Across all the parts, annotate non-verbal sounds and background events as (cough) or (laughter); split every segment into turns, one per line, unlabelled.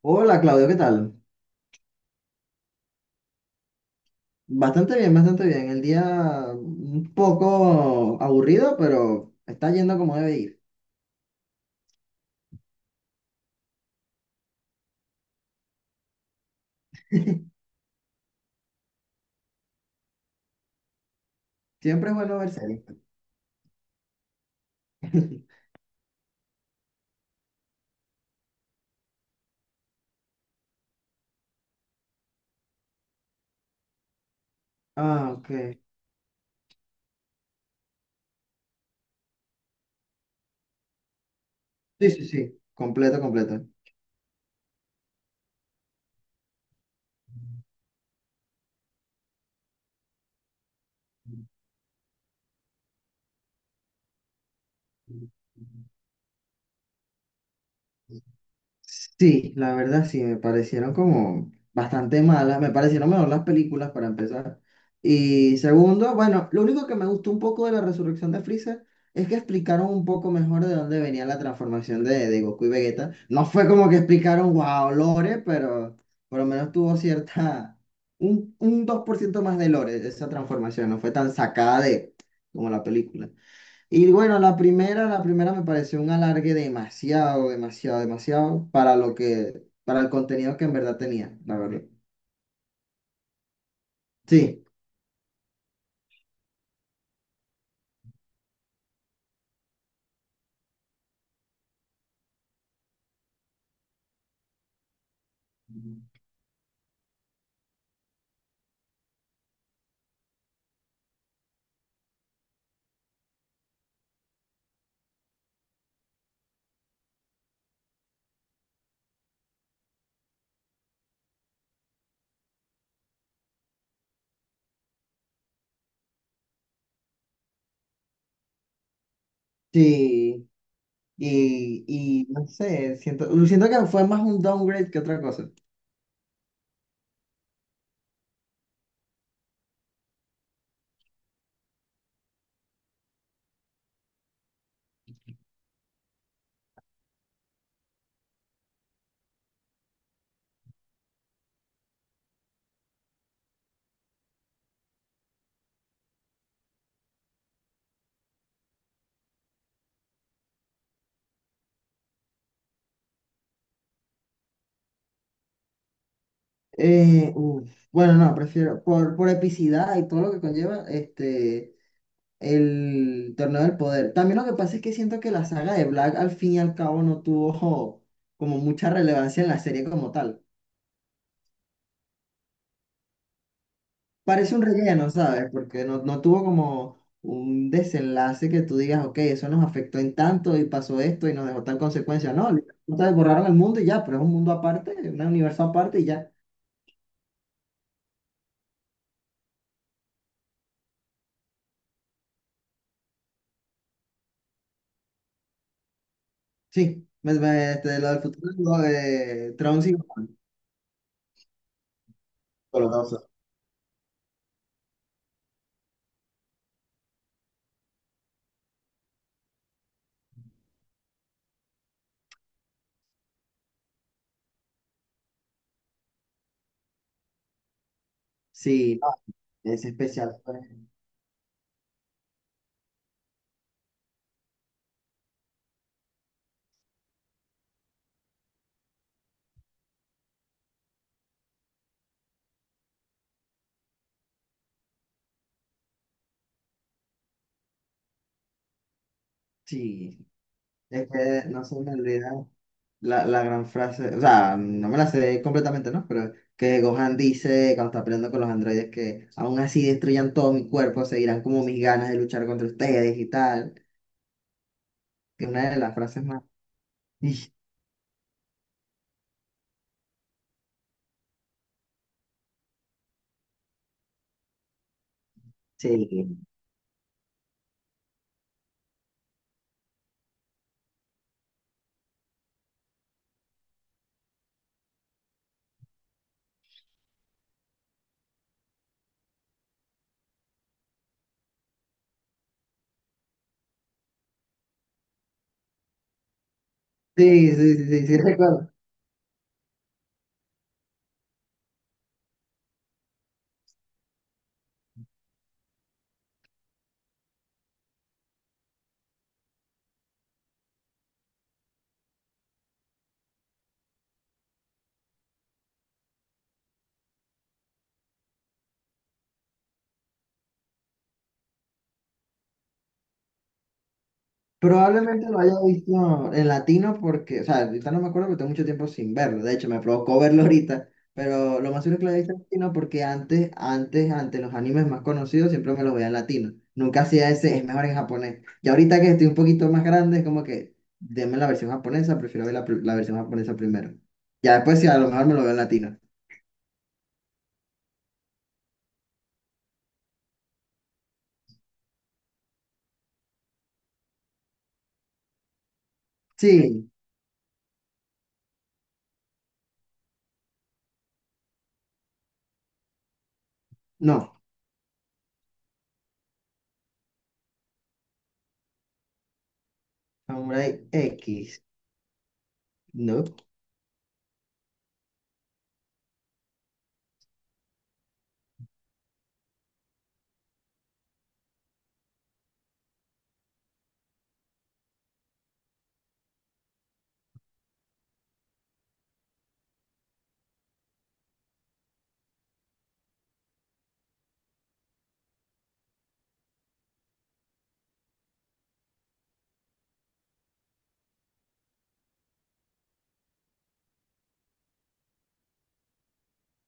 Hola Claudio, ¿qué tal? Bastante bien, bastante bien. El día un poco aburrido, pero está yendo como debe ir. Siempre es bueno ver series. (laughs) Ah, ok. Sí, sí, sí. Completo, completo. Sí, la verdad sí, me parecieron como bastante malas, me parecieron mejor las películas para empezar. Y segundo, bueno, lo único que me gustó un poco de la resurrección de Freezer es que explicaron un poco mejor de dónde venía la transformación de Goku y Vegeta. No fue como que explicaron, wow, lore, pero por lo menos tuvo cierta, un 2% más de lore esa transformación, no fue tan sacada de como la película. Y bueno, la primera me pareció un alargue demasiado, demasiado, demasiado para lo que, para el contenido que en verdad tenía, la verdad. Sí, sí. Y no sé, siento, siento que fue más un downgrade que otra cosa. Bueno, no, prefiero, por epicidad y todo lo que conlleva, este, el torneo del poder. También lo que pasa es que siento que la saga de Black al fin y al cabo no tuvo como mucha relevancia en la serie como tal. Parece un relleno, ¿sabes? Porque no, no tuvo como un desenlace que tú digas, ok, eso nos afectó en tanto y pasó esto y nos dejó tal consecuencia. No, ustedes borraron el mundo y ya, pero es un mundo aparte, un universo aparte y ya. Sí, este, lo del futuro, lo de Tron sí. Con los dos. Sí, no, es especial pues. Sí, es que no se me olvida la gran frase, o sea, no me la sé completamente, ¿no? Pero que Gohan dice cuando está peleando con los androides que aún así destruyan todo mi cuerpo, seguirán como mis ganas de luchar contra ustedes y tal, que es una de las frases más... (laughs) Sí, sí, sí, sí, sí, sí, sí, recuerdo. Probablemente lo haya visto en latino porque, o sea, ahorita no me acuerdo porque tengo mucho tiempo sin verlo. De hecho, me provocó verlo ahorita. Pero lo más seguro es que lo haya visto en latino porque antes, antes, antes los animes más conocidos siempre me los veía en latino. Nunca hacía ese, es mejor en japonés. Y ahorita que estoy un poquito más grande, es como que, denme la versión japonesa, prefiero ver la versión japonesa primero. Ya después, si a lo mejor me lo veo en latino. Sí, no. Samurai X, no.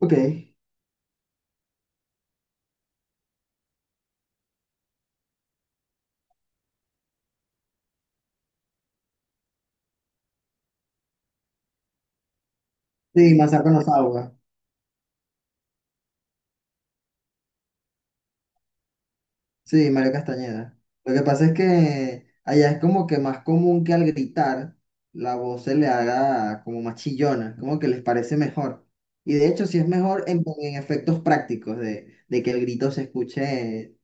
Ok. Sí, Masako no Sawa. Sí, Mario Castañeda. Lo que pasa es que allá es como que más común que al gritar la voz se le haga como más chillona, como que les parece mejor. Y de hecho sí es mejor en efectos prácticos de que el grito se escuche.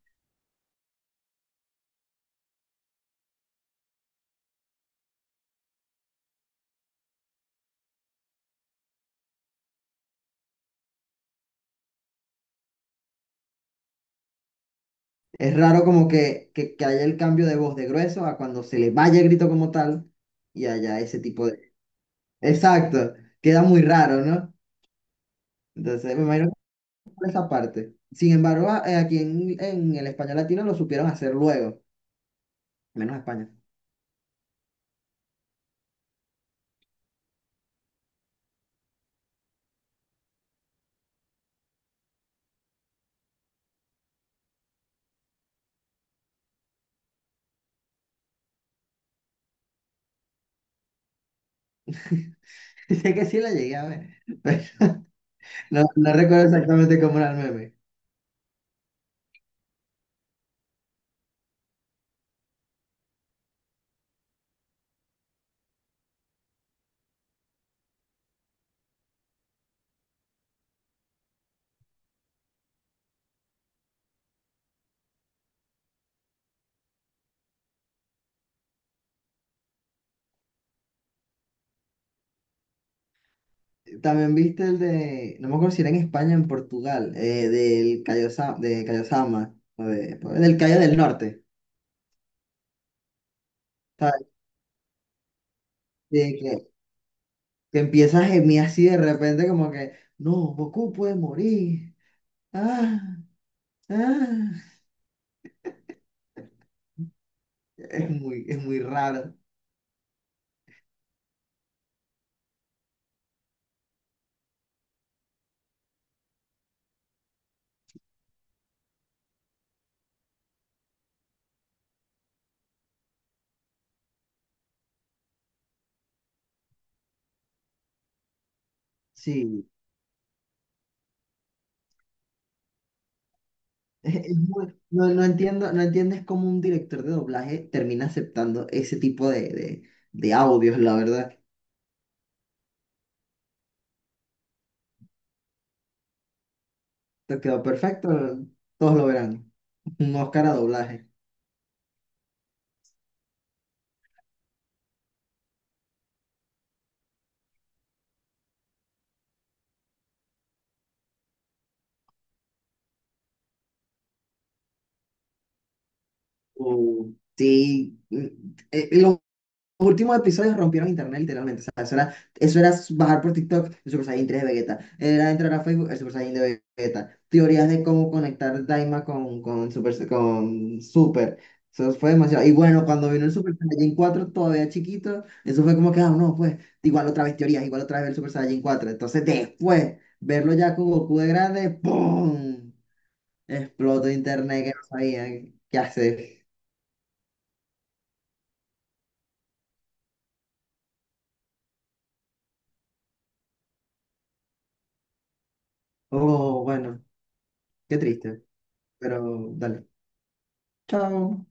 Es raro como que haya el cambio de voz de grueso a cuando se le vaya el grito como tal y haya ese tipo de... Exacto, queda muy raro, ¿no? Entonces me imagino que por esa parte. Sin embargo, aquí en el español latino lo supieron hacer luego, menos España. (laughs) Sé que sí la llegué a ver, pero no, no recuerdo exactamente cómo era el meme. También viste el de, no me acuerdo si era en España o en Portugal, del de Cayo Sama, o o del Cayo del Norte, ¿sabes? De que empieza a gemir así de repente como que, no, Goku puede morir. Ah, ah". Es muy raro. Sí, (laughs) es, no, no entiendo, no entiendes cómo un director de doblaje termina aceptando ese tipo de, de audios, la verdad. Te quedó perfecto, todos lo verán. Un Oscar a doblaje. Uh, sí, mm, los últimos episodios rompieron internet literalmente. O sea, eso era bajar por TikTok el Super Saiyan tres de Vegeta. Era entrar a Facebook el Super Saiyan de Vegeta. Teorías de cómo conectar Daima Super, con Super. Eso fue demasiado. Y bueno, cuando vino el Super Saiyan cuatro todavía chiquito, eso fue como que, ah, no, pues, igual otra vez teorías, igual otra vez el Super Saiyan cuatro. Entonces después, verlo ya con Goku de grande, ¡pum! Explotó internet que no sabía qué hacer. Oh, bueno, qué triste, pero dale. Chao.